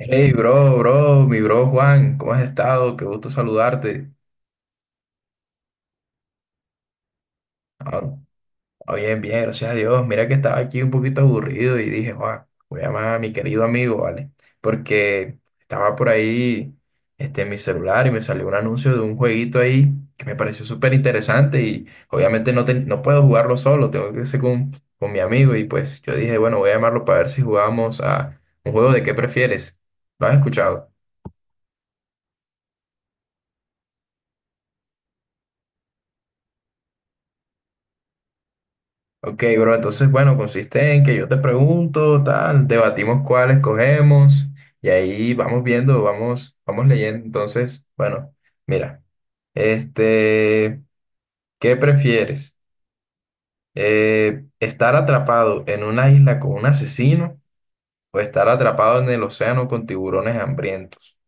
Hey, bro, bro, mi bro Juan, ¿cómo has estado? Qué gusto saludarte. Ah, bien, bien, gracias a Dios. Mira que estaba aquí un poquito aburrido y dije, Juan, voy a llamar a mi querido amigo, ¿vale? Porque estaba por ahí en mi celular y me salió un anuncio de un jueguito ahí que me pareció súper interesante y obviamente no, no puedo jugarlo solo, tengo que ser con mi amigo y pues yo dije, bueno, voy a llamarlo para ver si jugamos a un juego de qué prefieres. ¿Lo has escuchado? Ok, bro, entonces, bueno, consiste en que yo te pregunto, tal, debatimos cuál escogemos y ahí vamos viendo, vamos leyendo. Entonces, bueno, mira, este, ¿qué prefieres? ¿Estar atrapado en una isla con un asesino o estar atrapado en el océano con tiburones hambrientos?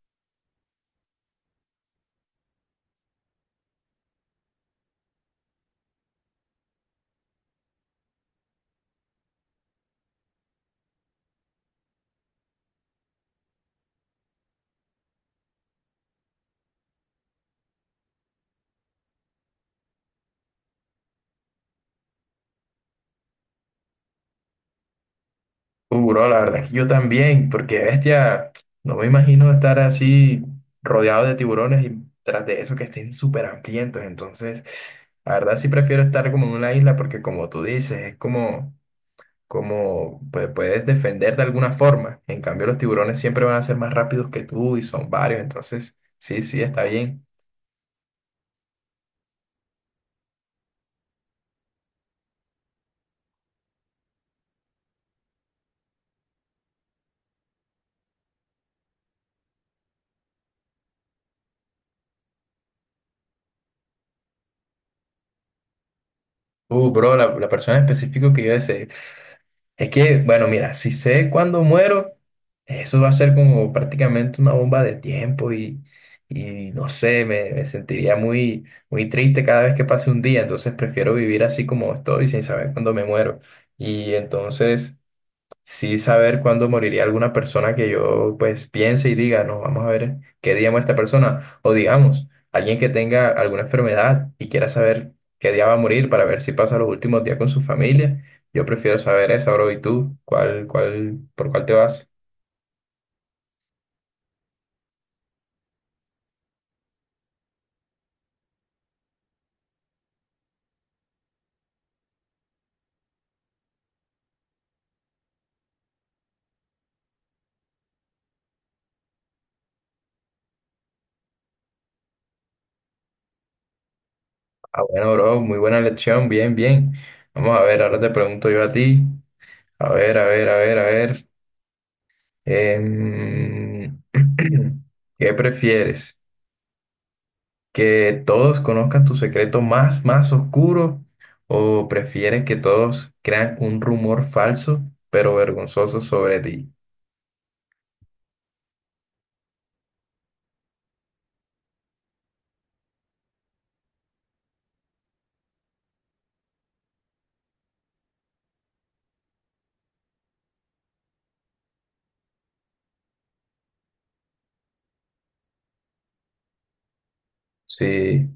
Bro, la verdad es que yo también, porque bestia, no me imagino estar así rodeado de tiburones y tras de eso que estén súper hambrientos. Entonces, la verdad sí prefiero estar como en una isla porque como tú dices, es como, como pues, puedes defender de alguna forma. En cambio, los tiburones siempre van a ser más rápidos que tú y son varios. Entonces, sí, sí, está bien. Bro, la persona específica que yo deseé. Es que, bueno, mira, si sé cuándo muero, eso va a ser como prácticamente una bomba de tiempo y no sé, me sentiría muy triste cada vez que pase un día, entonces prefiero vivir así como estoy, sin saber cuándo me muero. Y entonces sí saber cuándo moriría alguna persona que yo pues piense y diga, no, vamos a ver qué día muere esta persona. O digamos, alguien que tenga alguna enfermedad y quiera saber qué día va a morir para ver si pasa los últimos días con su familia. Yo prefiero saber eso bro. ¿Y tú? Por cuál te vas? Ah, bueno, bro, muy buena lección. Bien, bien. Vamos a ver, ahora te pregunto yo a ti. A ver, a ver, a ver, a ver. Em, ¿qué prefieres? Que todos conozcan tu secreto más oscuro o prefieres que todos crean un rumor falso pero vergonzoso sobre ti? Sí.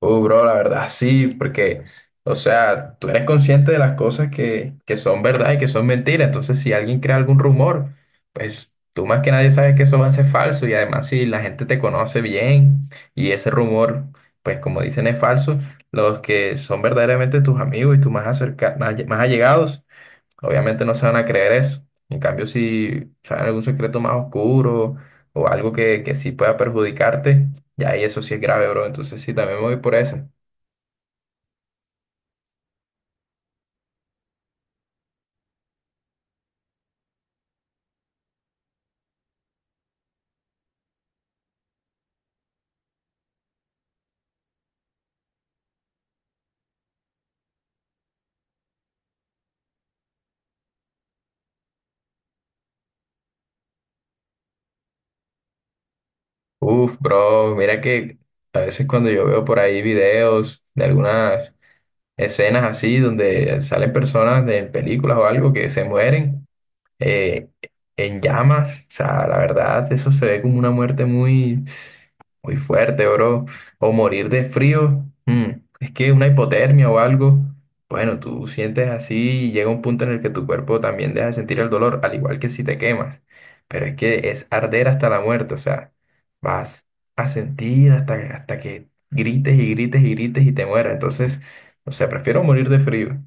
Bro, la verdad sí, porque, o sea, tú eres consciente de las cosas que son verdad y que son mentira. Entonces, si alguien crea algún rumor, pues tú más que nadie sabes que eso va a ser falso. Y además, si la gente te conoce bien y ese rumor, pues como dicen, es falso, los que son verdaderamente tus amigos y tus más allegados obviamente no se van a creer eso. En cambio, si saben algún secreto más oscuro o algo que sí pueda perjudicarte, ya ahí eso sí es grave, bro. Entonces sí, también me voy por esa. Uf, bro, mira que a veces cuando yo veo por ahí videos de algunas escenas así donde salen personas de películas o algo que se mueren eh, en llamas, o sea, la verdad, eso se ve como una muerte muy muy fuerte, bro. O morir de frío. Es que una hipotermia o algo. Bueno, tú sientes así y llega un punto en el que tu cuerpo también deja de sentir el dolor, al igual que si te quemas. Pero es que es arder hasta la muerte, o sea, vas a sentir hasta que grites y grites y grites y te mueras. Entonces, o sea, prefiero morir de frío.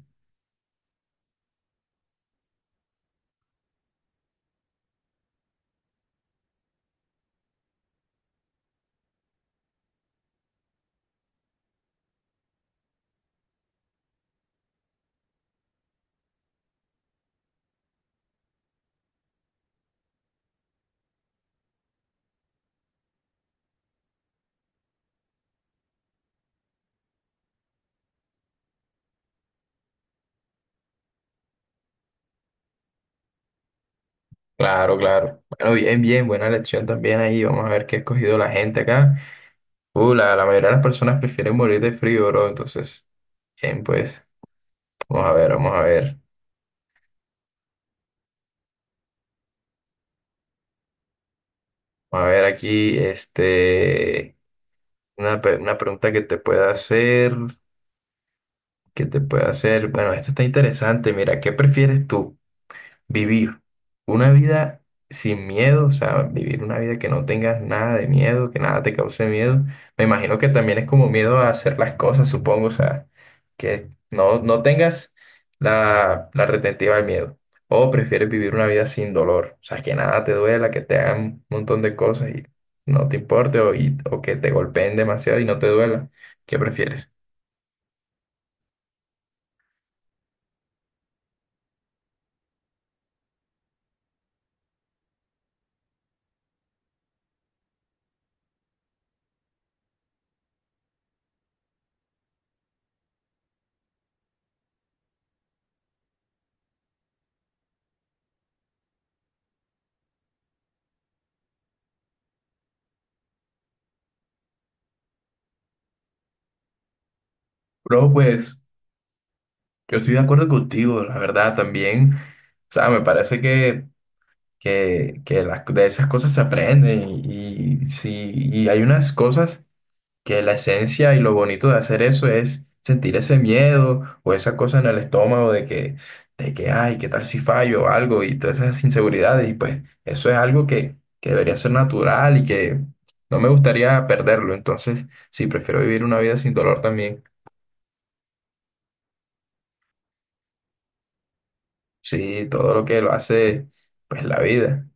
Claro, claro. Bueno, bien, bien, buena lección también ahí. Vamos a ver qué ha escogido la gente acá. La mayoría de las personas prefieren morir de frío, bro. Entonces, bien, pues. Vamos a ver, vamos a ver. Vamos a ver aquí, una pregunta que te pueda hacer. Bueno, esta está interesante. Mira, ¿qué prefieres tú? Vivir una vida sin miedo, o sea, vivir una vida que no tengas nada de miedo, que nada te cause miedo. Me imagino que también es como miedo a hacer las cosas, supongo, o sea, que no tengas la retentiva al miedo. O prefieres vivir una vida sin dolor, o sea, que nada te duela, que te hagan un montón de cosas y no te importe, o que te golpeen demasiado y no te duela. ¿Qué prefieres? Bro, pues yo estoy de acuerdo contigo, la verdad, también. O sea, me parece que de esas cosas se aprende y sí, y hay unas cosas que la esencia y lo bonito de hacer eso es sentir ese miedo o esa cosa en el estómago de que, ay, ¿qué tal si fallo o algo? Y todas esas inseguridades y pues eso es algo que debería ser natural y que no me gustaría perderlo, entonces sí, prefiero vivir una vida sin dolor también, sí, todo lo que lo hace pues la vida.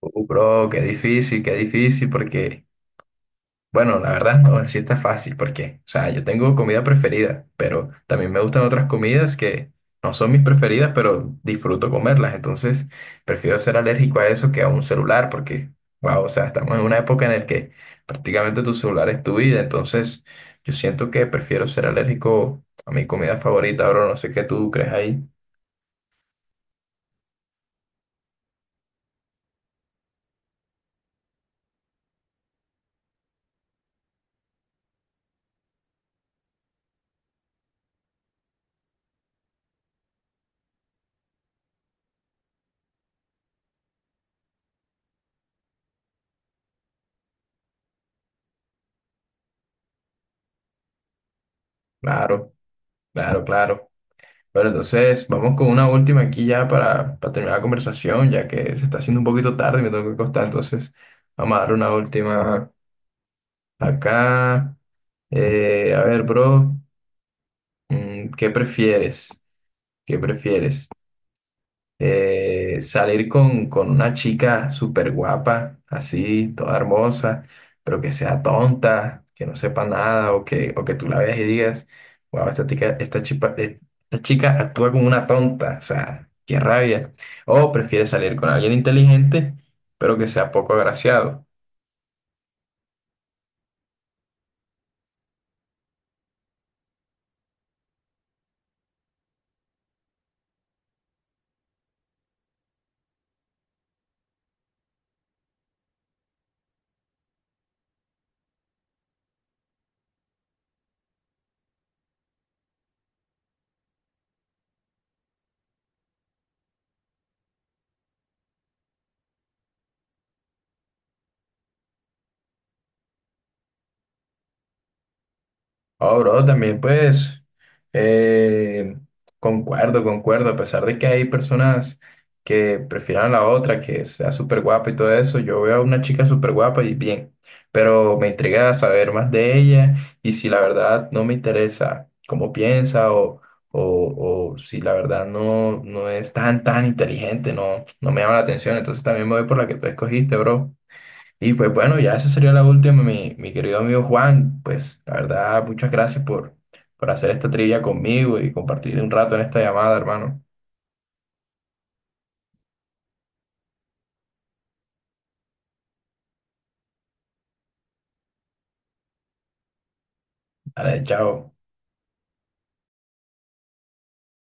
Bro, qué difícil, porque bueno, la verdad no, sí está fácil porque, o sea, yo tengo comida preferida, pero también me gustan otras comidas que no son mis preferidas, pero disfruto comerlas. Entonces, prefiero ser alérgico a eso que a un celular porque, wow, o sea, estamos en una época en la que prácticamente tu celular es tu vida. Entonces, yo siento que prefiero ser alérgico a mi comida favorita. Ahora no sé qué tú crees ahí. Claro, claro, claro. Bueno, entonces vamos con una última aquí ya para terminar la conversación, ya que se está haciendo un poquito tarde y me tengo que acostar. Entonces, vamos a dar una última acá. A ver, bro, mm, ¿qué prefieres? ¿Qué prefieres? Eh, salir con una chica súper guapa, así, toda hermosa, pero que sea tonta, que no sepa nada, o que tú la veas y digas, wow, esta chica actúa como una tonta, o sea, qué rabia. O prefieres salir con alguien inteligente, pero que sea poco agraciado. Oh, bro, también pues eh, concuerdo, concuerdo, a pesar de que hay personas que prefieran a la otra, que sea súper guapa y todo eso, yo veo a una chica súper guapa y bien, pero me intriga saber más de ella y si la verdad no me interesa cómo piensa o si la verdad no, no es tan inteligente, no me llama la atención, entonces también me voy por la que tú escogiste, bro. Y pues bueno, ya esa sería la última, mi querido amigo Juan. Pues la verdad, muchas gracias por hacer esta trivia conmigo y compartir un rato en esta llamada, hermano. Dale, chao.